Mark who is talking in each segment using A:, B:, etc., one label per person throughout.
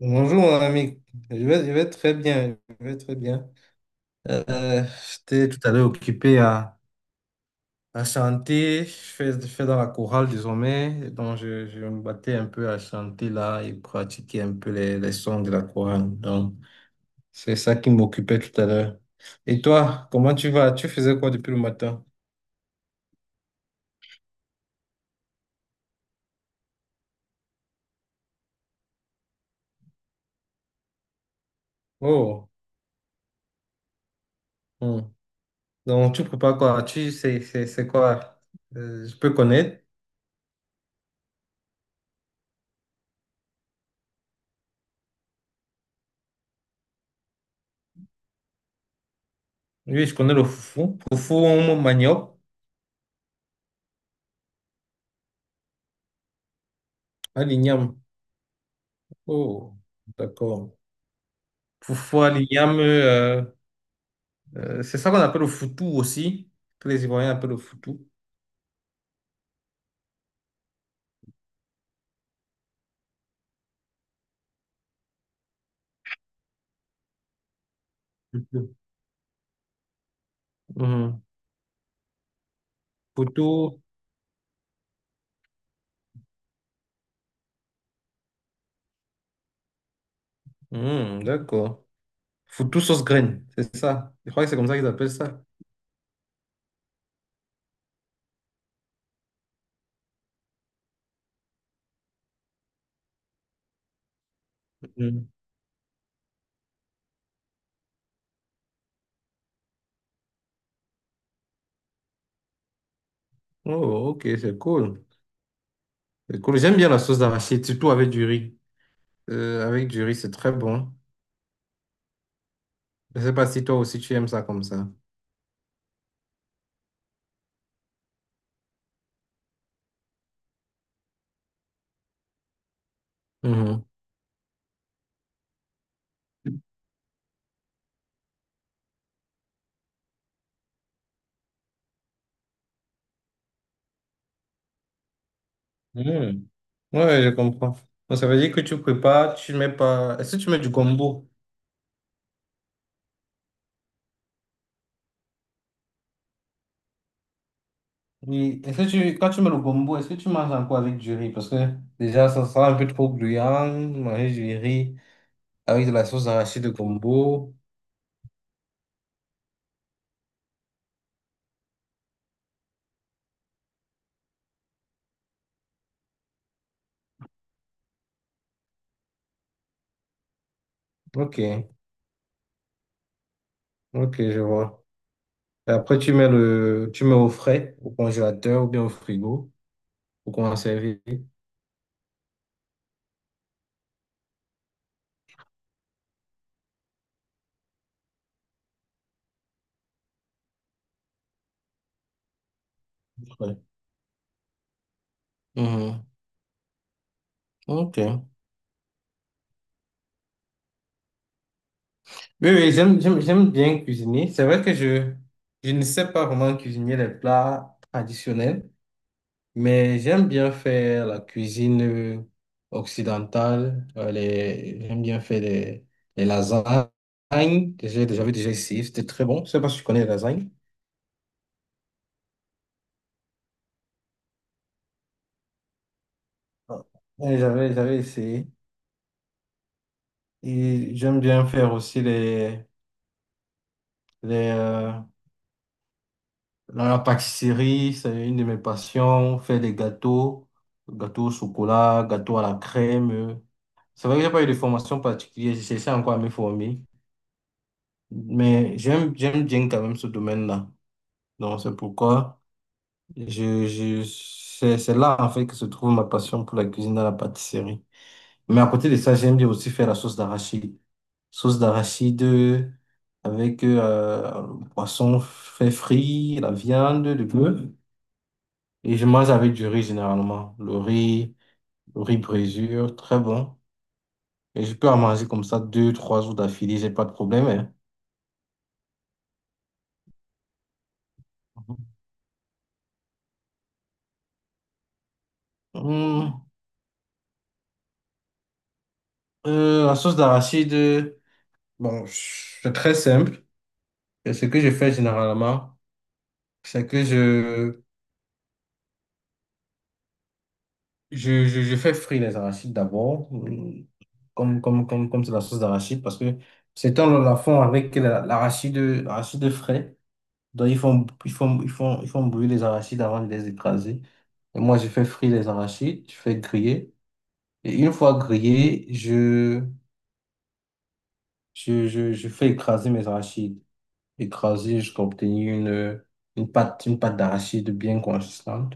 A: Bonjour mon ami, je vais très bien, je vais très bien. Euh, J'étais tout à l'heure occupé à chanter, je fais dans la chorale désormais, donc je me battais un peu à chanter là et pratiquer un peu les sons de la chorale. Donc c'est ça qui m'occupait tout à l'heure. Et toi, comment tu vas? Tu faisais quoi depuis le matin? Oh, hmm. Donc tu prépares quoi? C'est quoi? Je peux connaître? Oui, je connais le foufou, foufou au manioc, à l'igname. Oh, d'accord. Parfois, il euh, c'est ça qu'on appelle le foutou aussi. Que les Ivoiriens appellent le foutou. Foutou. Mhm. Foutou. Mhm, d'accord. Foutou sauce graine, c'est ça. Je crois que c'est comme ça qu'ils appellent ça. Mhm. Oh, ok, c'est cool. C'est cool. J'aime bien la sauce d'arachide, surtout avec du riz. Avec du riz, c'est très bon. Je sais pas si toi aussi tu aimes ça comme ça. Mhm. Mhm. Ouais, je comprends. Donc, ça veut dire que tu prépares, tu mets pas. Est-ce que tu mets du gombo? Oui, est-ce que tu, quand tu mets le gombo, est-ce que tu manges encore avec du riz? Parce que déjà, ça sera un peu trop gluant, manger du riz avec de la sauce d'arachide de gombo. Ok, ok, je vois. Et après, tu mets le, tu mets au frais, au congélateur ou bien au frigo pour conserver. Ouais. Mhm. Ok. Oui, oui, j'aime bien cuisiner. C'est vrai que je ne sais pas vraiment cuisiner les plats traditionnels. Mais j'aime bien faire la cuisine occidentale. J'aime bien faire des les lasagnes. J'avais déjà essayé, c'était très bon. Je sais pas si tu connais les lasagnes. Ah. Ouais, j'avais essayé. Et j'aime bien faire aussi les, euh, la pâtisserie, c'est une de mes passions. Faire des gâteaux, gâteaux au chocolat, gâteaux à la crème. C'est vrai que j'ai pas eu de formation particulière, j'essaie encore à me former. Mais j'aime bien quand même ce domaine-là. Donc, c'est pourquoi c'est là, en fait, que se trouve ma passion pour la cuisine et la pâtisserie. Mais à côté de ça, j'aime bien aussi faire la sauce d'arachide. Sauce d'arachide avec le poisson fait frit, la viande, le bœuf. Et je mange avec du riz généralement. Le riz brisure, très bon. Et je peux en manger comme ça deux, trois jours d'affilée, j'ai pas de problème. Hein. Hum, la sauce d'arachide, bon, c'est très simple. Et ce que je fais généralement, c'est que je fais frire les arachides d'abord, comme c'est la sauce d'arachide, parce que c'est un la fond avec l'arachide frais. Donc, ils font brûler les arachides avant de les écraser. Et moi, je fais frire les arachides, je fais griller. Et une fois grillés, je fais écraser mes arachides. Écraser jusqu'à obtenir une pâte d'arachide bien consistante,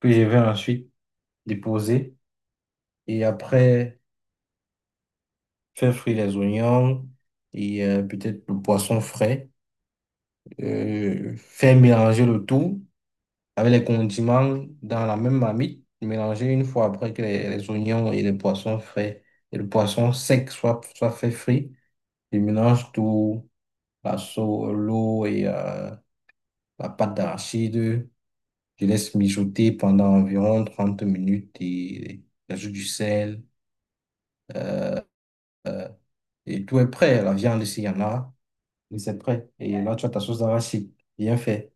A: que je vais ensuite déposer et après faire frire les oignons et peut-être le poisson frais, faire mélanger le tout avec les condiments dans la même marmite, mélanger une fois après que les oignons et les poissons frais et le poisson sec soient fait frit. Je mélange tout, l'eau et la pâte d'arachide. Je laisse mijoter pendant environ 30 minutes et j'ajoute du sel. Et tout est prêt. La viande, s'il y en a. Et c'est prêt. Et là, tu as ta sauce d'arachide. Bien fait.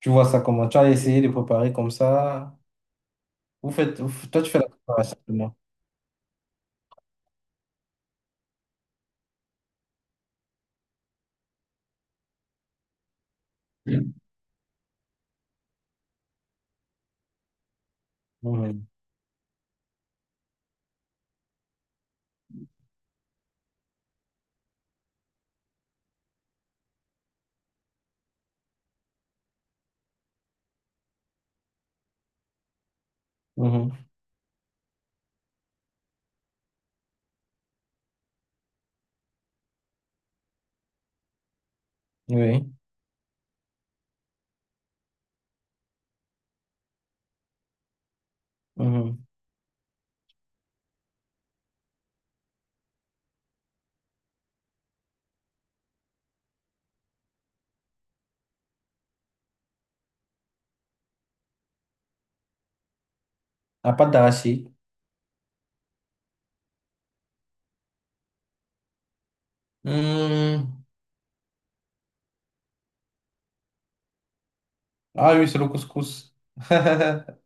A: Tu vois ça comment? Tu as essayé de préparer comme ça. Toi, tu fais la préparation moi. Mhm. Mhm. Oui. Mhm. La pâte d'arachide. Hmm. Ah oui, c'est le couscous.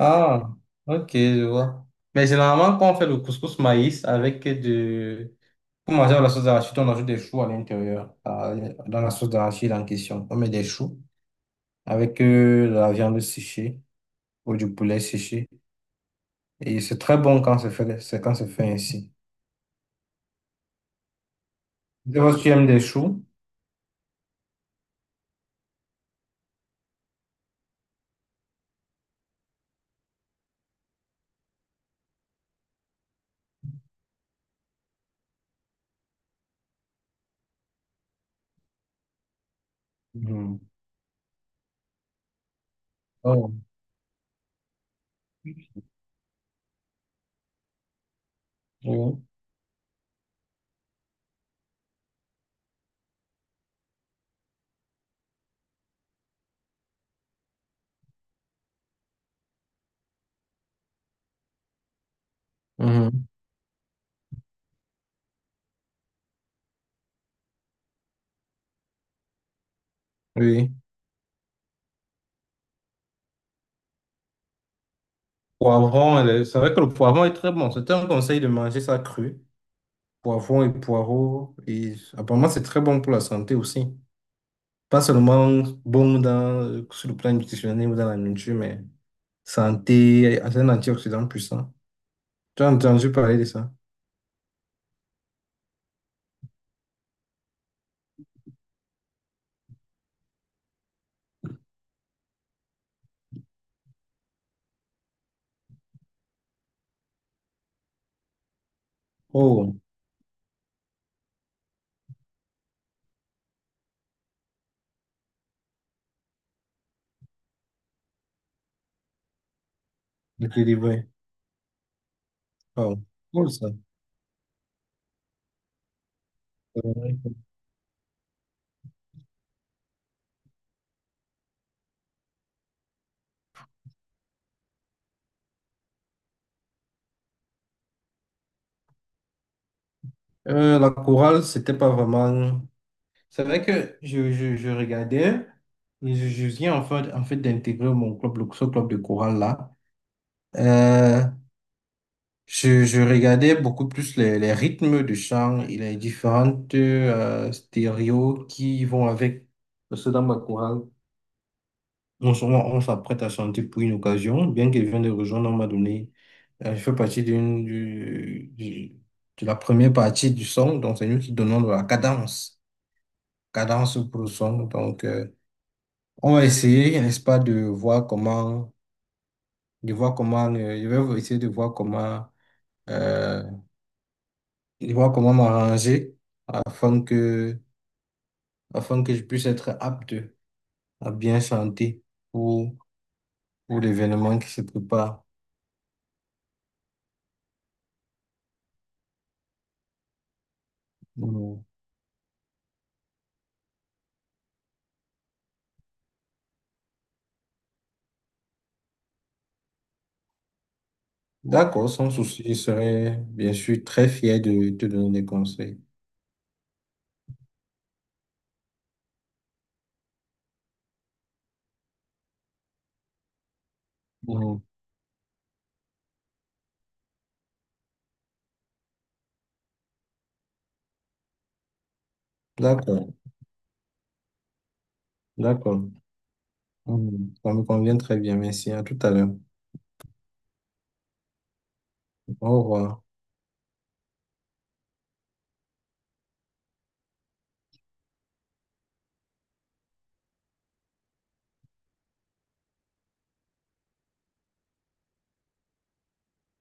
A: Ah, ok, je vois. Mais généralement, quand on fait le couscous maïs avec de... Pour manger la sauce d'arachide, on ajoute des choux à l'intérieur, dans la sauce d'arachide en question. On met des choux avec de la viande séchée ou du poulet séché. Et c'est très bon quand c'est fait, c'est quand c'est fait ainsi. Je sais pas si tu aimes des choux. Mhm. Oh, oui. Mhm. Oui. Poivron, c'est vrai que le poivron est très bon. C'était un conseil de manger ça cru. Poivron et poireaux. Et apparemment, c'est très bon pour la santé aussi. Pas seulement bon dans, sur le plan nutritionnel ou dans la nourriture, mais santé, c'est un antioxydant puissant. Tu as entendu parler de ça? Oh, le délivré. Oh, cool ça. La chorale, c'était pas vraiment. C'est vrai que je regardais, je viens en fait, d'intégrer mon club, ce club de chorale là. Euh, je regardais beaucoup plus les rythmes de chant et les différentes stéréos qui vont avec. Parce que dans ma chorale, on s'apprête à chanter pour une occasion, bien qu'elle vienne de rejoindre, on m'a donné. Je fais partie de la première partie du son, donc c'est nous qui donnons de la cadence, cadence pour le son. Donc, on va essayer, n'est-ce pas, de voir comment, je vais essayer euh, de voir comment m'arranger afin que, je puisse être apte à bien chanter pour, pour l'événement qui se prépare. Mm. D'accord, sans souci, je serai bien sûr très fier de te donner des conseils. Mm. D'accord, d'accord. Mm. Ça me convient très bien, merci. À tout à l'heure. Au revoir.